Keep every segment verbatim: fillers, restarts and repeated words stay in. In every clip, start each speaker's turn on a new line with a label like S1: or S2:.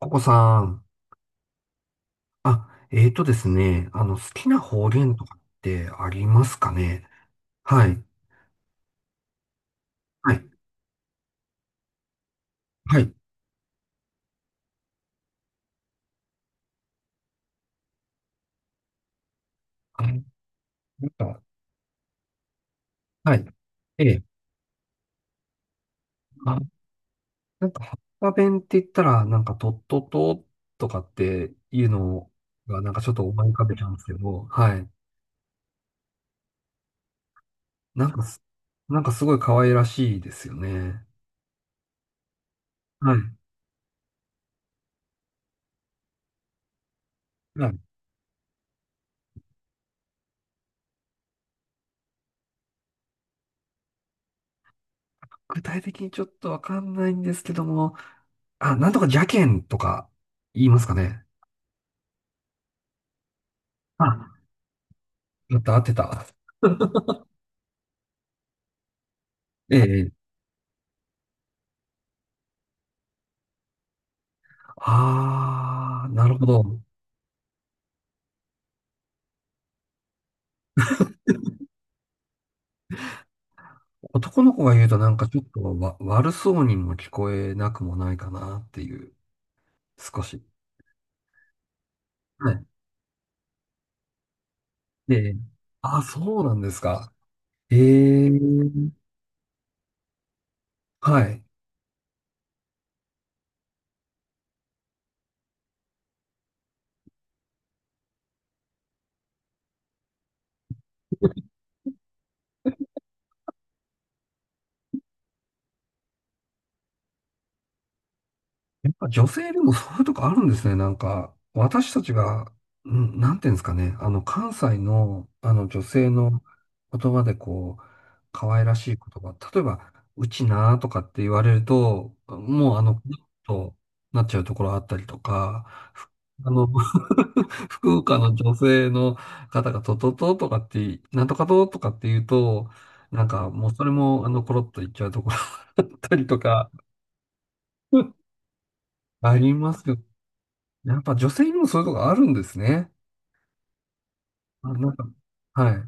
S1: ココさん。あ、えーとですね。あの、好きな方言とかってありますかね？はい。はい。はい。あなんか、はい。ええ。あ、なんか、博多弁って言ったら、なんか、とっとととかっていうのが、なんかちょっと思い浮かべちゃうんですけど、はい。なんかす、なんかすごい可愛らしいですよね。はい。はい。具体的にちょっとわかんないんですけども、あ、なんとか邪剣とか言いますかね。あ、やった、合ってた。ええ。ああ、なるほど。男の子が言うとなんかちょっとわ、悪そうにも聞こえなくもないかなっていう、少し。はい。ええ。ああ、そうなんですか。ええ。はい。やっぱ女性でもそういうとこあるんですね。なんか、私たちが、うん、なんていうんですかね。あの、関西の、あの、女性の言葉でこう、可愛らしい言葉。例えば、うちなーとかって言われると、もうあの、となっちゃうところあったりとか、ふあの、福岡の女性の方がととととかって、なんとかととかって言うと、なんかもうそれもあの、コロッと言っちゃうところ あったりとか、ありますよね。やっぱ女性にもそういうとこあるんですね。あ、なんか、は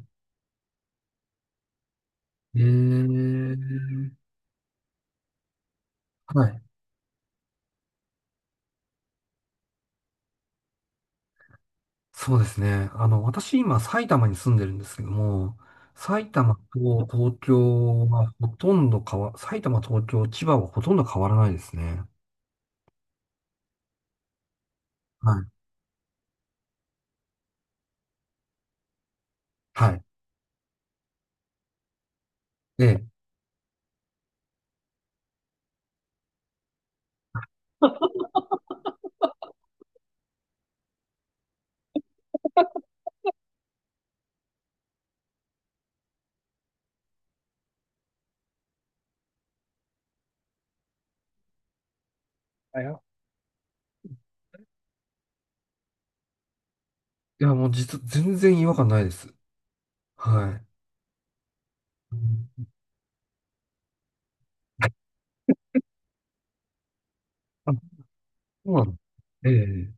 S1: い。えー、はい。そうですね。あの、私今埼玉に住んでるんですけども、埼玉と東京はほとんど変わ、埼玉、東京、千葉はほとんど変わらないですね。はい。はい。ええ。いや、もう実、全然違和感ないです。はい。うん。あ、そうなの。ええ。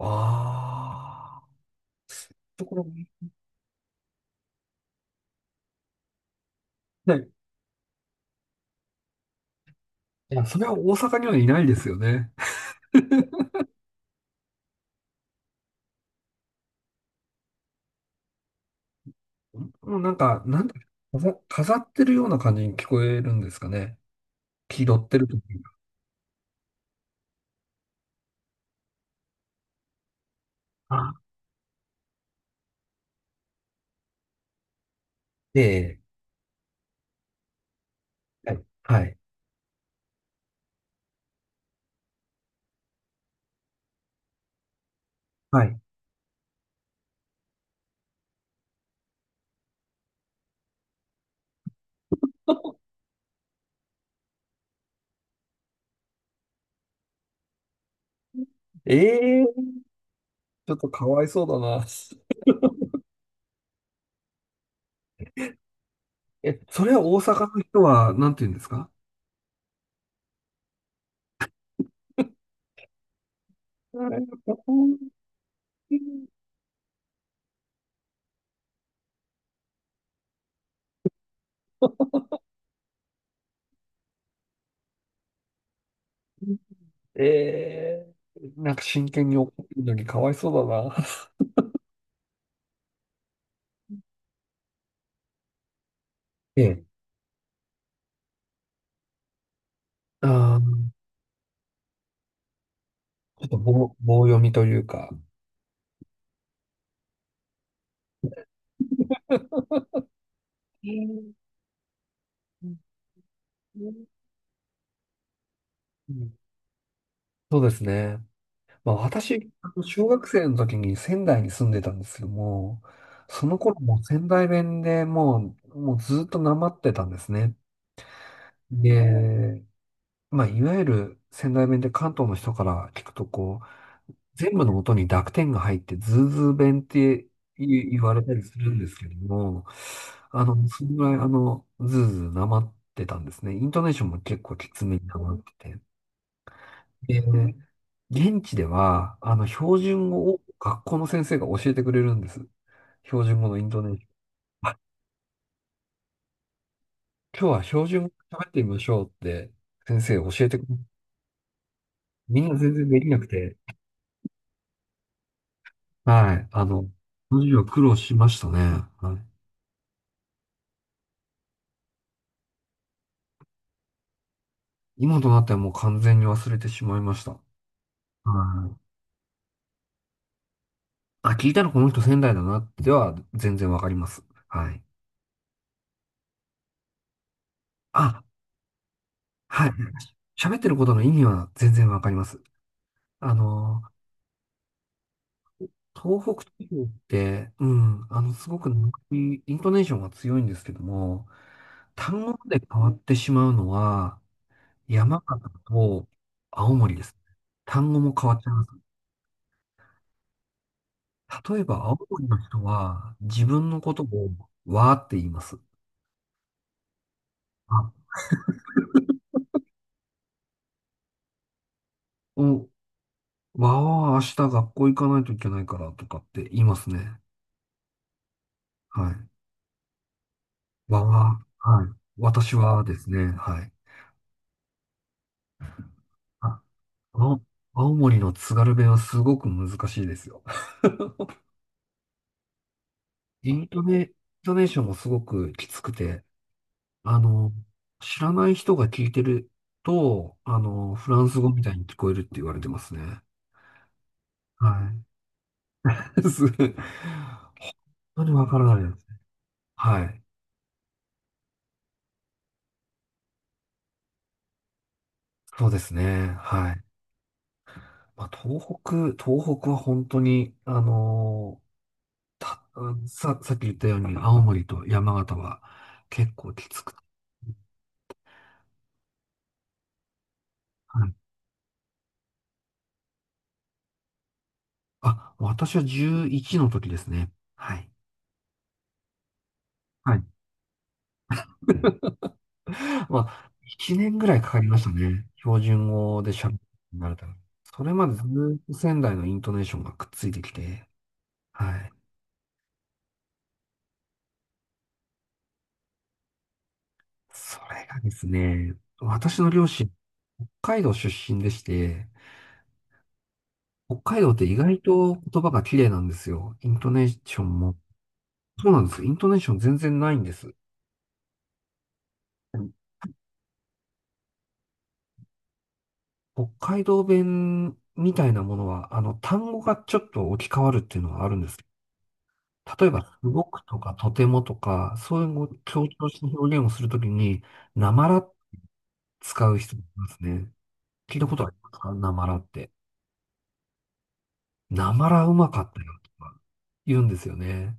S1: ああ。ところ、ね、いや、それは大阪にはいないですよね。もうなんか、なんだ、飾飾ってるような感じに聞こえるんですかね。気取ってるというか。あ、ええ、はい、はい、はい。ええ、ちょっとかわいそうだな。え、それは大阪の人は、なんて言うんですか？あれ？ええ、なんか真剣に怒ってるのにかわいそうだな。ええ、あー、ちょっと棒、棒読みというか。ええ。うん。そうですね。まあ、私、あの小学生の時に仙台に住んでたんですけども、その頃もう仙台弁でもう、もうずっとなまってたんですね。で、まあ、いわゆる仙台弁で関東の人から聞くと、こう、全部の音に濁点が入って、ズーズー弁って言言われたりするんですけども、あの、そのぐらい、あの、ズーズーなまってたんですね。イントネーションも結構きつめになまってて。で、現地では、あの、標準語を学校の先生が教えてくれるんです。標準語のイントネーション。あ、今日は標準語喋ってみましょうって先生教えてくれる。みんな全然できなくて。はい。あの、その時は苦労しましたね。はい。今となってはもう完全に忘れてしまいました。はい。あ、聞いたらこの人仙台だなっては全然わかります。はい。あ、はい。喋ってることの意味は全然わかります。あのー東北地方って、うん、あの、すごくなんかイントネーションが強いんですけども、単語まで変わってしまうのは、山形と青森です。単語も変わっちゃいます。例えば、青森の人は、自分のことを、わーって言います。あ、お、わーは明日学校行かないといけないからとかって言いますね。はい。わーはい。私はですね、はい。ああ、青森の津軽弁はすごく難しいですよ。イントネ、イントネーションもすごくきつくて、あの、知らない人が聞いてると、あの、フランス語みたいに聞こえるって言われてますね。はい。す本当にわからないですね。はい。そうですね。はい。まあ、東北、東北は本当に、あの、た、さ、さっき言ったように、青森と山形は結構きつくて。はい。あ、私はじゅういちの時ですね。はい。はい。まあ、いちねんぐらいかかりましたね。標準語で喋るようになれたら。それまでずっと仙台のイントネーションがくっついてきて、はい。それがですね、私の両親、北海道出身でして、北海道って意外と言葉が綺麗なんですよ。イントネーションも。そうなんです。イントネーション全然ないんです。北海道弁みたいなものは、あの、単語がちょっと置き換わるっていうのはあるんですけど。例えば、すごくとか、とてもとか、そういうのを強調した表現をするときに、なまら使う人もいますね。聞いたことありますか？なまらって。なまらうまかったよと言うんですよね。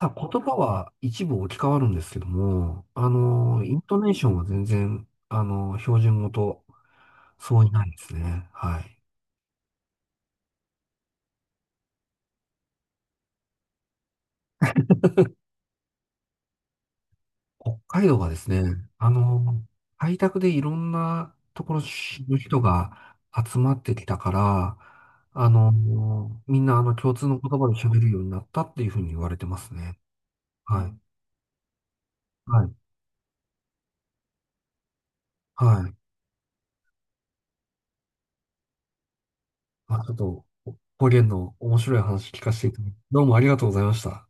S1: ただ言葉は一部置き換わるんですけども、あの、イントネーションは全然、あの、標準語と相違ないですね。はい。北海道はですね、あの、開拓でいろんなところの人が集まってきたから、あの、みんなあの共通の言葉で喋るようになったっていうふうに言われてますね。はい。はい。はい。まあ、ちょっと、方言の面白い話聞かせていただき、どうもありがとうございました。